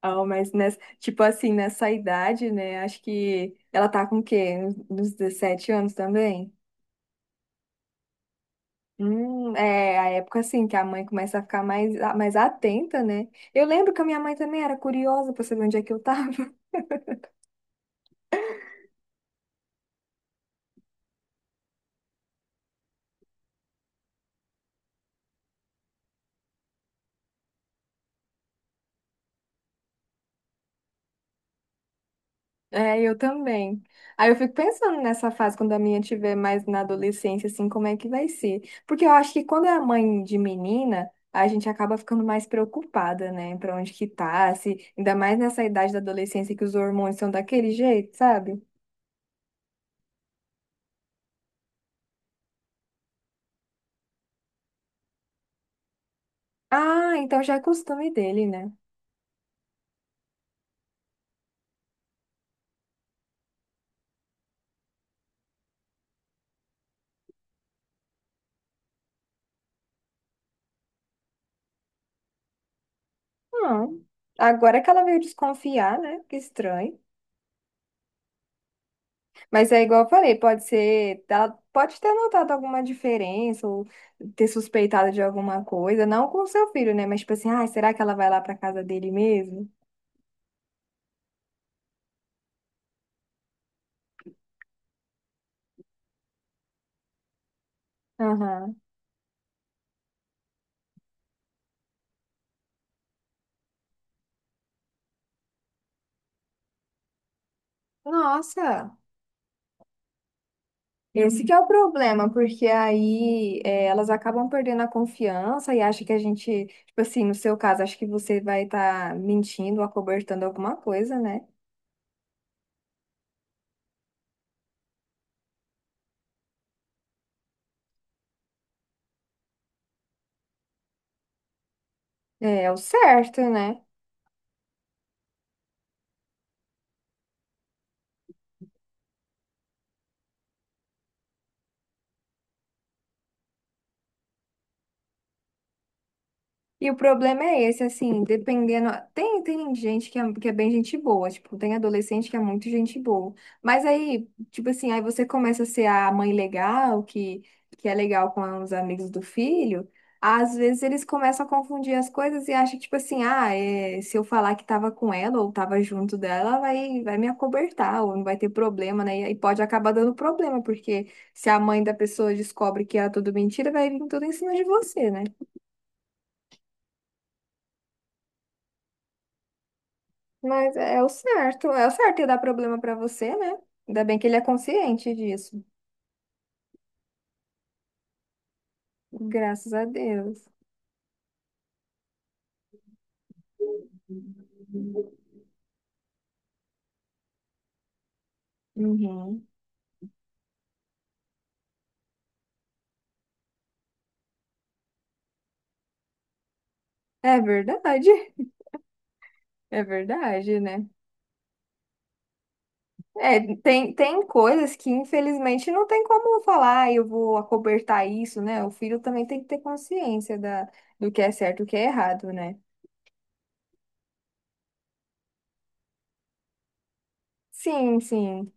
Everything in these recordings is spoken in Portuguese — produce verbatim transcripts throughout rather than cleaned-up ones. Ah, mas nessa, tipo assim, nessa idade, né? Acho que ela tá com o quê? Nos dezessete anos também? Hum, é a época assim que a mãe começa a ficar mais, mais atenta, né? Eu lembro que a minha mãe também era curiosa pra saber onde é que eu tava. É, eu também. Aí eu fico pensando nessa fase, quando a minha tiver mais na adolescência, assim, como é que vai ser? Porque eu acho que quando é mãe de menina, a gente acaba ficando mais preocupada, né? Pra onde que tá, se... Ainda mais nessa idade da adolescência que os hormônios são daquele jeito, sabe? Ah, então já é costume dele, né? Não. Agora que ela veio desconfiar, né? Que estranho. Mas é igual eu falei, pode ser, ela pode ter notado alguma diferença ou ter suspeitado de alguma coisa, não com o seu filho, né? Mas tipo assim, ah, será que ela vai lá para casa dele mesmo? Aham. Nossa, esse que é o problema, porque aí é, elas acabam perdendo a confiança e acham que a gente, tipo assim, no seu caso, acho que você vai estar mentindo, acobertando alguma coisa, né? É, é o certo, né? E o problema é esse, assim, dependendo. Tem, tem gente que é, que é bem gente boa, tipo, tem adolescente que é muito gente boa. Mas aí, tipo assim, aí você começa a ser a mãe legal, que, que é legal com os amigos do filho. Às vezes eles começam a confundir as coisas e acham, tipo assim, ah, é, se eu falar que tava com ela ou tava junto dela, ela vai, vai me acobertar, ou não vai ter problema, né? E aí pode acabar dando problema, porque se a mãe da pessoa descobre que é tudo mentira, vai vir tudo em cima de você, né? Mas é o certo, é o certo e dá problema pra você, né? Ainda bem que ele é consciente disso. Graças a Deus. Uhum. É verdade, é verdade, né? É, tem, tem coisas que infelizmente não tem como falar, "Ah, eu vou acobertar isso, né? O filho também tem que ter consciência da, do que é certo e o que é errado, né? Sim, sim.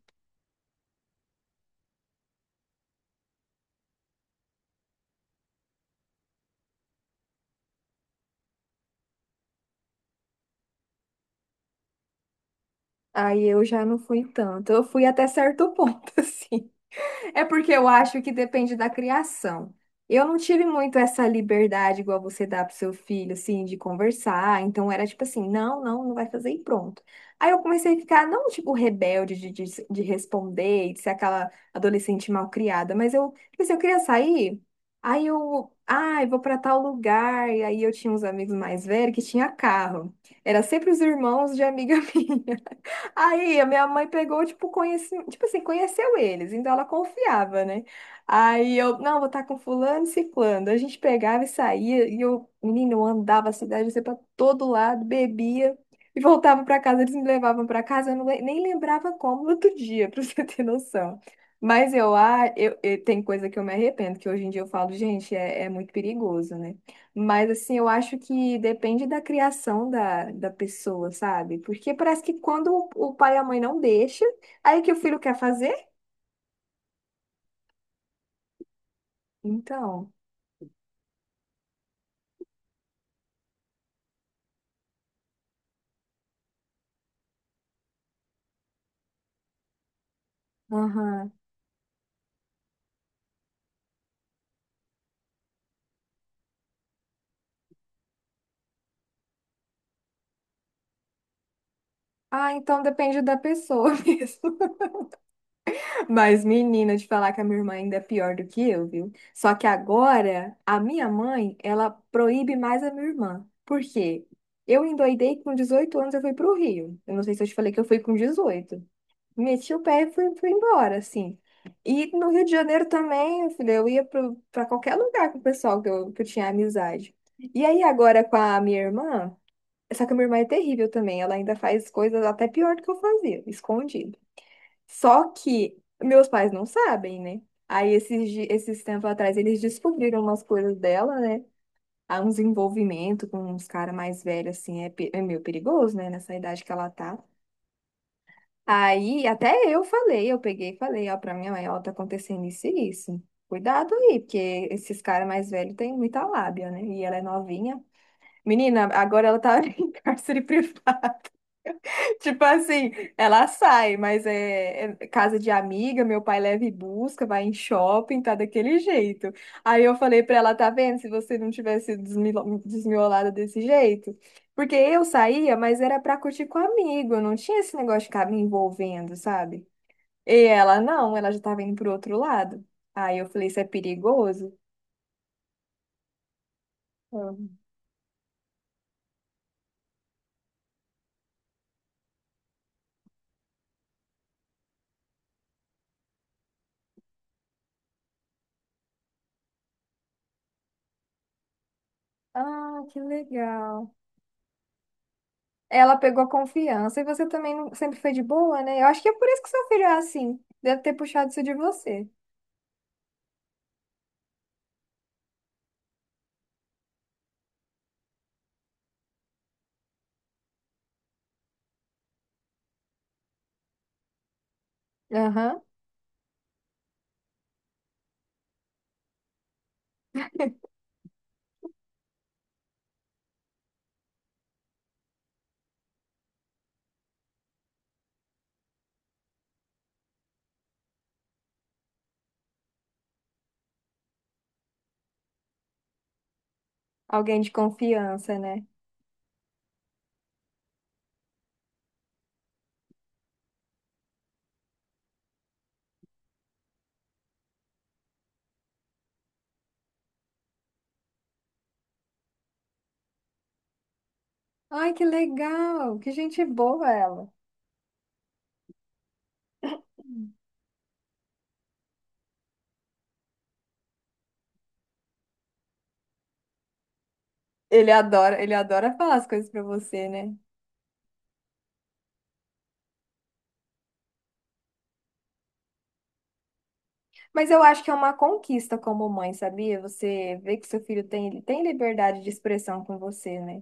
Aí eu já não fui tanto. Eu fui até certo ponto, assim. É porque eu acho que depende da criação. Eu não tive muito essa liberdade igual você dá pro seu filho, assim, de conversar. Então era tipo assim, não, não, não vai fazer e pronto. Aí eu comecei a ficar, não tipo rebelde de, de, de responder, de ser aquela adolescente mal criada, mas eu, tipo assim, eu queria sair, aí eu, ai, vou pra tal lugar. E aí eu tinha uns amigos mais velhos que tinha carro. Era sempre os irmãos de amiga minha. Aí a minha mãe pegou, tipo, conheci... tipo assim, conheceu eles, então ela confiava, né? Aí eu, não, vou estar com fulano e ciclano. A gente pegava e saía, e eu, menino, eu andava a cidade, você pra todo lado, bebia e voltava pra casa, eles me levavam pra casa, eu não, le- nem lembrava como no outro dia, pra você ter noção. Mas eu, ah, eu, eu- tem coisa que eu me arrependo, que hoje em dia eu falo, gente, é, é muito perigoso, né? Mas assim, eu acho que depende da criação da, da pessoa, sabe? Porque parece que quando o o pai e a mãe não deixam, aí que o filho quer fazer? Então, aham. Ah, então depende da pessoa mesmo. Mas, menina, de falar que a minha irmã ainda é pior do que eu, viu? Só que agora, a minha mãe, ela proíbe mais a minha irmã. Por quê? Eu endoidei com dezoito anos, eu fui pro Rio. Eu não sei se eu te falei que eu fui com dezoito. Meti o pé e fui, fui embora, assim. E no Rio de Janeiro também, eu falei, eu ia para qualquer lugar com o pessoal que eu, que eu tinha amizade. E aí agora com a minha irmã, só que a minha irmã é terrível também, ela ainda faz coisas até pior do que eu fazia, escondido. Só que meus pais não sabem, né? Aí esses, di- esses tempos atrás eles descobriram umas coisas dela, né? Há uns envolvimento com uns caras mais velhos, assim, é, pe- é meio perigoso, né? Nessa idade que ela tá. Aí até eu falei, eu peguei e falei, ó, pra minha mãe, ó, tá acontecendo isso e isso. Cuidado aí, porque esses caras mais velhos têm muita lábia, né? E ela é novinha. Menina, agora ela tá em cárcere privado. Tipo assim, ela sai, mas é, é casa de amiga, meu pai leva e busca, vai em shopping, tá daquele jeito. Aí eu falei pra ela, tá vendo? Se você não tivesse desmilo- desmiolada desse jeito. Porque eu saía, mas era pra curtir com amigo, eu não tinha esse negócio de ficar me envolvendo, sabe? E ela, não, ela já estava indo pro outro lado. Aí eu falei, isso é perigoso? Ela, ah, que legal. Ela pegou confiança e você também não- sempre foi de boa, né? Eu acho que é por isso que seu filho é assim. Deve ter puxado isso de você. Aham. Alguém de confiança, né? Ai, que legal. Que gente boa ela. Ele adora, ele adora falar as coisas pra você, né? Mas eu acho que é uma conquista como mãe, sabia? Você vê que seu filho tem, ele tem liberdade de expressão com você, né?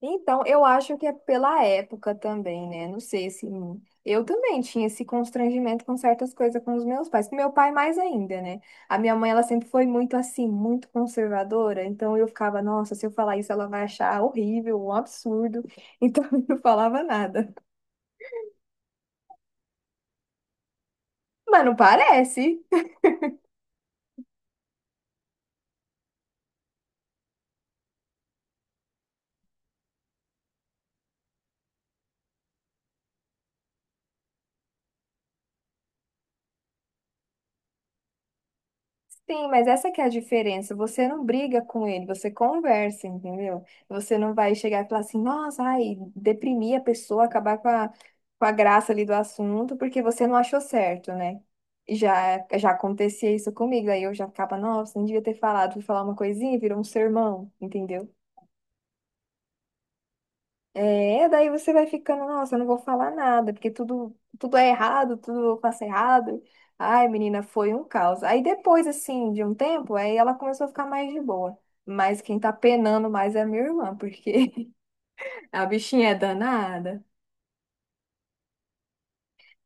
Então, eu acho que é pela época também, né? Não sei se. Eu também tinha esse constrangimento com certas coisas com os meus pais, com meu pai mais ainda, né? A minha mãe, ela sempre foi muito assim, muito conservadora, então eu ficava, nossa, se eu falar isso, ela vai achar horrível, um absurdo, então eu não falava nada. Mas não parece. Sim, mas essa que é a diferença. Você não briga com ele, você conversa, entendeu? Você não vai chegar e falar assim, nossa, ai, deprimir a pessoa, acabar com a, com a graça ali do assunto, porque você não achou certo, né? Já, já acontecia isso comigo, aí eu já ficava, nossa, não devia ter falado, fui falar uma coisinha, virou um sermão, entendeu? É, daí você vai ficando, nossa, eu não vou falar nada, porque tudo, tudo é errado, tudo eu faço errado. Ai, menina, foi um caos. Aí depois, assim, de um tempo, aí ela começou a ficar mais de boa. Mas quem tá penando mais é a minha irmã, porque a bichinha é danada.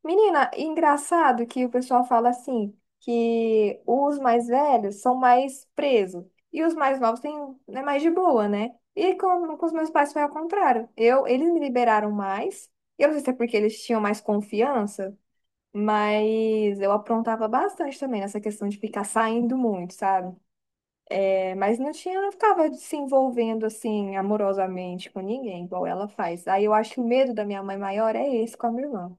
Menina, engraçado que o pessoal fala assim, que os mais velhos são mais presos e os mais novos têm, é mais de boa, né? E com, com os meus pais foi ao contrário. Eu, eles me liberaram mais. Eu não sei se é porque eles tinham mais confiança, mas eu aprontava bastante também nessa questão de ficar saindo muito, sabe? É, mas não tinha, não ficava se envolvendo assim amorosamente com ninguém, igual ela faz. Aí eu acho que o medo da minha mãe maior é esse com a minha irmã.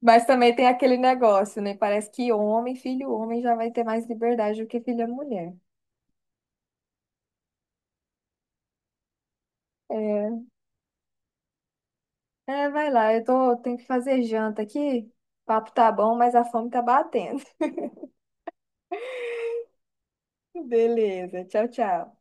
Mas também tem aquele negócio, né? Parece que homem, filho homem, já vai ter mais liberdade do que filha mulher. É, é, vai lá, eu tô, tenho que fazer janta aqui. O papo tá bom, mas a fome tá batendo. Beleza, tchau, tchau.